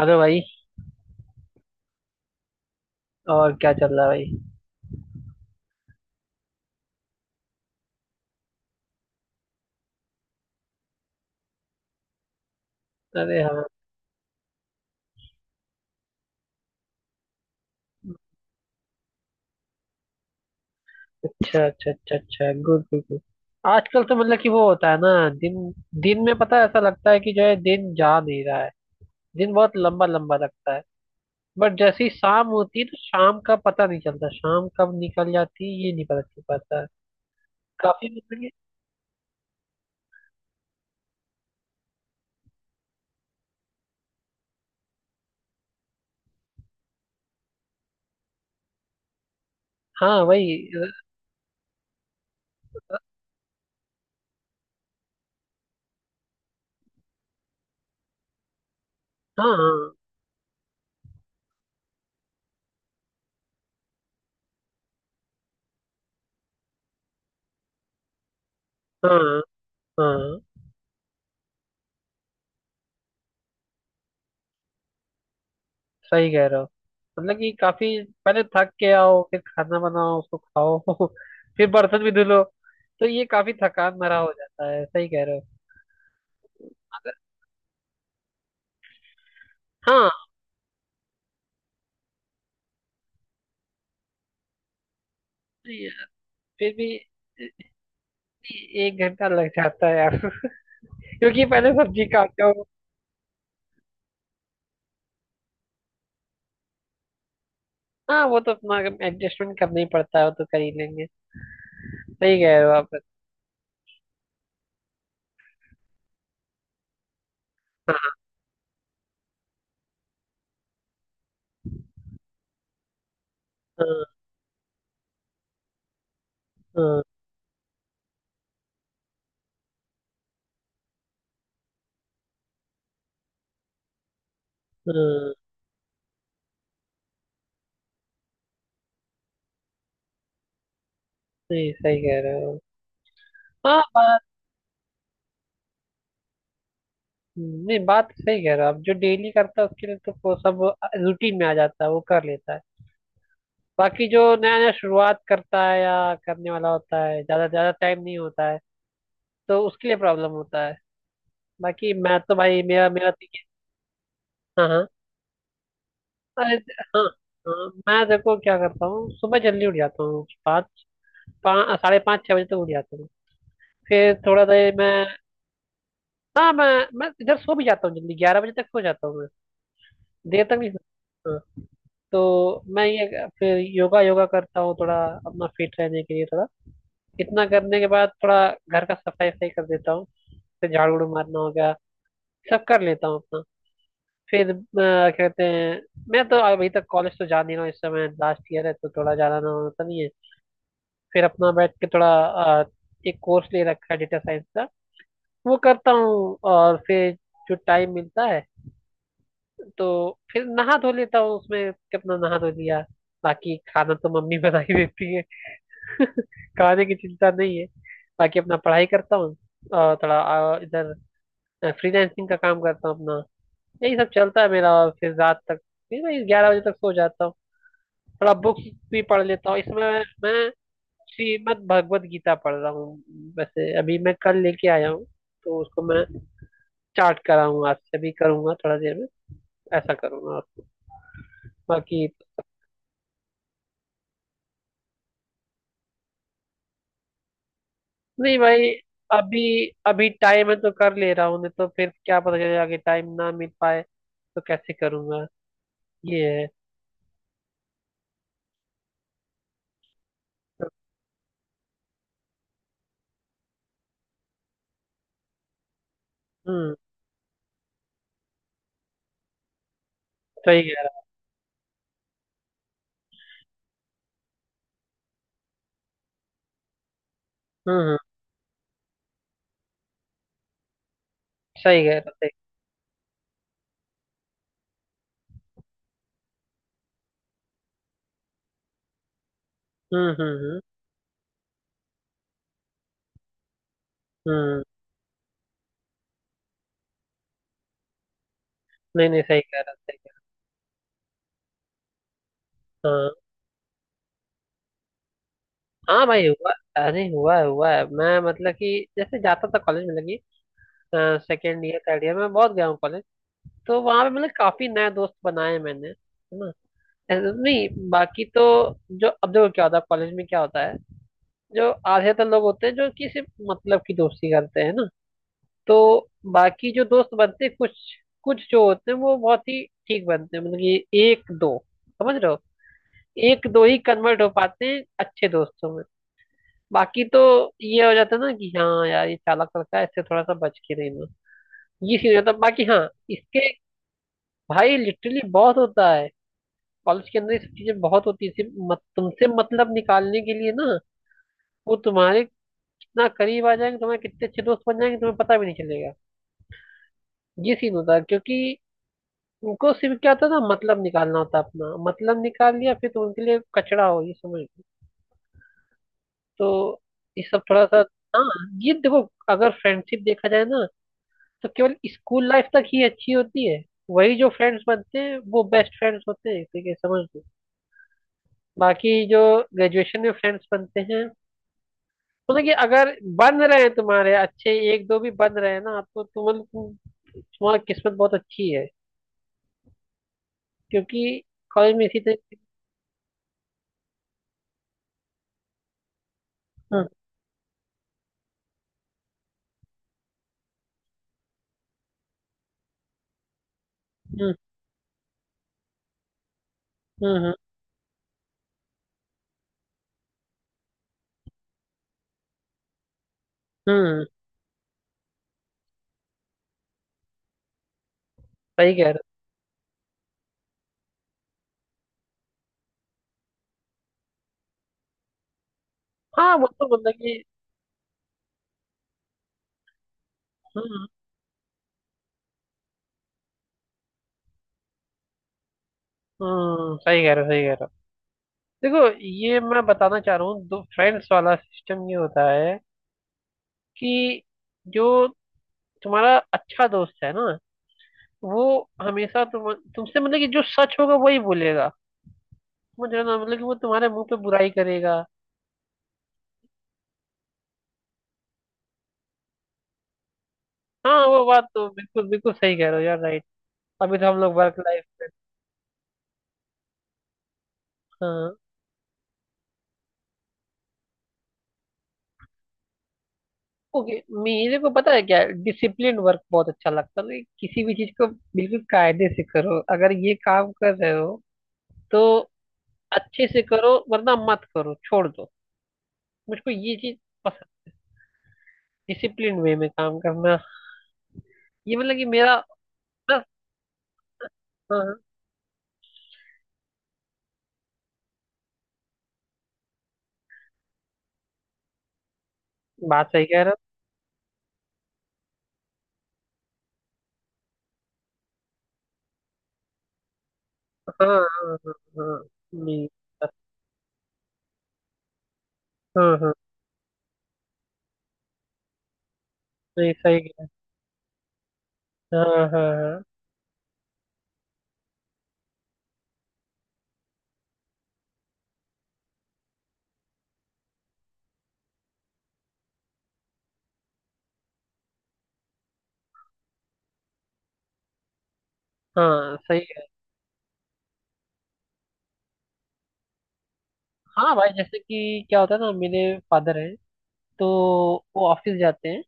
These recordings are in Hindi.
हेलो भाई। और क्या चल रहा है भाई? अरे हाँ। अच्छा अच्छा अच्छा अच्छा, गुड गुड गुड। आजकल तो मतलब कि वो होता है ना, दिन दिन में पता है, ऐसा लगता है कि जो है दिन जा नहीं रहा है। दिन बहुत लंबा लंबा लगता है। बट जैसे ही शाम होती है तो शाम का पता नहीं चलता, शाम कब निकल जाती है ये नहीं पता चल पाता है। काफी मतलब कि- हाँ वही। हाँ हाँ हाँ हाँ, सही कह रहे हो। मतलब कि काफी पहले थक के आओ, फिर खाना बनाओ, उसको खाओ, फिर बर्तन भी धुलो, तो ये काफी थकान भरा हो जाता है। सही कह रहे हो। अगर हाँ। नहीं, फिर भी एक घंटा लग जाता है यार। क्योंकि पहले सब्जी काटते हो। हाँ, वो तो अपना एडजस्टमेंट करना ही पड़ता है, वो तो कर ही लेंगे। सही कह रहे हो आप। हाँ हाँ हाँ हाँ, नहीं सही कह रहे हो। हाँ बात। नहीं बात सही कह रहे हो आप। जो डेली करता है उसके लिए तो वो सब रूटीन में आ जाता है, वो कर लेता है। बाकी जो नया नया शुरुआत करता है या करने वाला होता है, ज्यादा ज्यादा टाइम नहीं होता है तो उसके लिए प्रॉब्लम होता है। बाकी मैं तो भाई मेरा मेरा तो ये- हाँ हाँ। अरे हाँ। हाँ मैं देखो क्या करता हूँ, सुबह जल्दी उठ जाता हूँ। पाँच पाँच साढ़े पाँच छः बजे तक उठ जाता हूँ। फिर थोड़ा देर मैं। हाँ। मैं इधर सो भी जाता हूँ जल्दी, ग्यारह बजे तक सो जाता हूँ मैं। देर तक नहीं सोता। हाँ। तो मैं ये फिर योगा योगा करता हूँ, थोड़ा अपना फिट रहने के लिए। थोड़ा इतना करने के बाद थोड़ा घर का सफाई सफाई कर देता हूँ, से झाड़ उड़ मारना हो गया, सब कर लेता हूँ अपना। फिर कहते हैं, मैं तो अभी तक कॉलेज तो जा नहीं रहा हूँ, इस समय लास्ट ईयर है तो थोड़ा जाना ना होता नहीं है। फिर अपना बैठ के थोड़ा, अ, एक कोर्स ले रखा है डेटा साइंस का, वो करता हूँ। और फिर जो टाइम मिलता है तो फिर नहा धो लेता हूँ, उसमें कितना नहा धो लिया। बाकी खाना तो मम्मी बना ही देती है। खाने की चिंता नहीं है। बाकी अपना पढ़ाई करता हूँ, और थोड़ा इधर फ्रीलांसिंग का काम करता हूँ अपना। यही सब चलता है मेरा, और फिर रात तक फिर मैं ग्यारह बजे तक सो जाता हूँ। थोड़ा बुक्स भी पढ़ लेता हूँ इसमें मैं। श्रीमद् भगवत गीता पढ़ रहा हूँ, वैसे अभी मैं कल लेके आया हूँ, तो उसको मैं स्टार्ट करा हूँ आज से। अभी करूँगा थोड़ा देर में, ऐसा करूँगा बाकी। नहीं भाई, अभी अभी टाइम है तो कर ले रहा हूँ, नहीं तो फिर क्या पता चले आगे टाइम ना मिल पाए तो कैसे करूँगा। ये है। हम्म, सही कह रहा। सही कह रहा सही। हम्म हम्म हम्म हम्म। नहीं नहीं सही कह रहा सही। हाँ हाँ भाई हुआ। अरे हुआ है हुआ है। मैं मतलब कि जैसे जाता था कॉलेज में, लगी, सेकेंड ईयर थर्ड ईयर में बहुत गया हूँ कॉलेज। तो वहाँ पे मतलब काफी नए दोस्त बनाए हैं मैंने, है ना? ऐसे तो नहीं बाकी तो। जो अब देखो क्या होता है कॉलेज में, क्या होता है, जो आधे तो लोग होते हैं जो कि सिर्फ मतलब की दोस्ती करते हैं ना। तो बाकी जो दोस्त बनते हैं कुछ कुछ जो होते हैं वो बहुत ही ठीक बनते हैं, मतलब कि एक दो, समझ रहे हो, एक दो ही कन्वर्ट हो पाते हैं अच्छे दोस्तों में। बाकी तो ये हो जाता है ना कि हाँ यार, ये चालाक लड़का है, इससे थोड़ा सा बच के रहना, ये सीन हो जाता है। बाकी हाँ। इसके भाई लिटरली बहुत होता है, कॉलेज के अंदर ये सब चीजें बहुत होती है, सिर्फ मत, तुमसे मतलब निकालने के लिए ना, वो तुम्हारे कितना करीब आ जाएंगे, तुम्हारे कितने अच्छे दोस्त बन जाएंगे तुम्हें पता भी नहीं चलेगा। ये सीन होता है, क्योंकि उनको सिर्फ क्या होता है ना, मतलब निकालना होता है अपना, मतलब निकाल लिया फिर तुम उनके लिए कचरा हो, ये समझ लो। तो ये सब थोड़ा सा। हाँ ये देखो, अगर फ्रेंडशिप देखा जाए ना, तो केवल स्कूल लाइफ तक ही अच्छी होती है। वही जो फ्रेंड्स बनते हैं वो बेस्ट फ्रेंड्स होते हैं, ठीक है, समझ लो। बाकी जो ग्रेजुएशन में फ्रेंड्स बनते हैं, मतलब कि अगर बन रहे हैं तुम्हारे अच्छे एक दो भी बन रहे हैं ना आपको, तो मतलब तुम- तुम्हारी किस्मत बहुत अच्छी है। क्योंकि कॉलेज में इसी तरीके। हम्म हम्म हम्म हम्म, सही कह रहे हो। हाँ, वो तो मतलब कि, हम्म हम्म, सही कह रहे हो, सही कह रहे हो। देखो ये मैं बताना चाह रहा हूँ, दो फ्रेंड्स वाला सिस्टम ये होता है कि, जो तुम्हारा अच्छा दोस्त है ना, वो हमेशा तुमसे मतलब कि जो सच होगा वही बोलेगा। समझ रहे हो ना, मतलब कि वो तुम्हारे मुंह पे बुराई करेगा। हाँ वो बात तो बिल्कुल बिल्कुल सही कह रहे हो यार, राइट। अभी तो हम लोग वर्क लाइफ। हाँ, ओके। मेरे को पता है क्या, डिसिप्लिन वर्क बहुत अच्छा लगता है, मतलब किसी भी चीज को बिल्कुल कायदे से करो, अगर ये काम कर रहे हो तो अच्छे से करो, वरना मत करो छोड़ दो। मुझको ये चीज पसंद, डिसिप्लिन वे में काम करना, ये मतलब कि मेरा। हाँ हाँ, बात सही कह रहे हो। हाँ हाँ हाँ हाँ, नहीं। हाँ हाँ, नहीं सही है। हाँ हाँ हाँ हाँ सही है। हाँ भाई, जैसे कि क्या होता है ना, मेरे फादर हैं तो वो ऑफिस जाते हैं,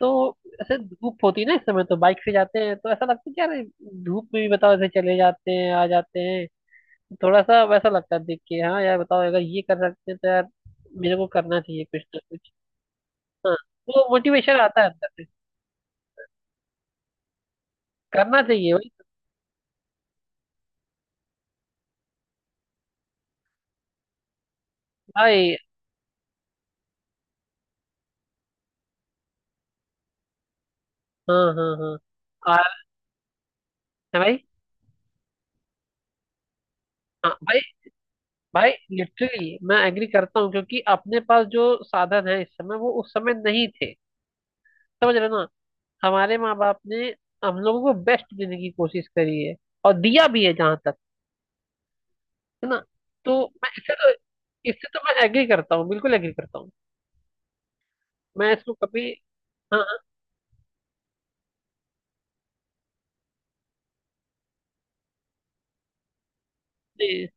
तो ऐसे धूप होती है ना इस समय, तो बाइक से जाते हैं, तो ऐसा लगता है कि यार धूप में भी बताओ ऐसे चले जाते हैं, आ जाते हैं। थोड़ा सा वैसा लगता है देख के, हाँ यार बताओ अगर ये कर सकते हैं तो यार मेरे को करना चाहिए कुछ ना कुछ। हाँ, वो मोटिवेशन आता है अंदर से। करना चाहिए भाई। भाई हाँ हाँ हाँ। आ- है भाई। हाँ भाई, भाई लिटरली मैं एग्री करता हूँ, क्योंकि अपने पास जो साधन है इस समय वो उस समय नहीं थे। समझ रहे हो ना, हमारे माँ बाप ने हम लोगों को बेस्ट देने की कोशिश करी है, और दिया भी है जहां तक, है ना। तो मैं इससे तो मैं एग्री करता हूँ, बिल्कुल एग्री करता हूँ। मैं इसको कभी। हाँ हाँ, नहीं,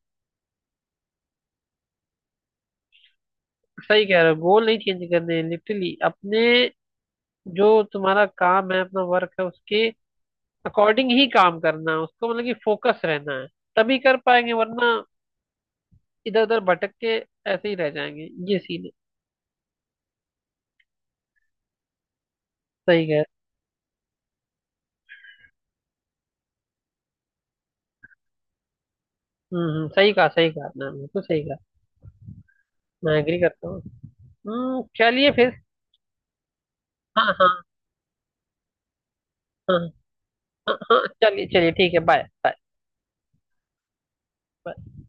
सही कह रहे हो, गोल नहीं चेंज करने लिटरली अपने जो तुम्हारा काम है अपना वर्क है उसके अकॉर्डिंग ही काम करना है उसको, मतलब कि फोकस रहना है, तभी कर पाएंगे वरना इधर उधर भटक के ऐसे ही रह जाएंगे, ये सीन है। सही कह। सही कहा आपने, बिल्कुल सही कहा। मैं एग्री करता हूँ। हम्म, चलिए फिर। हाँ हाँ हाँ हाँ हाँ, चलिए चलिए ठीक है। Bye bye.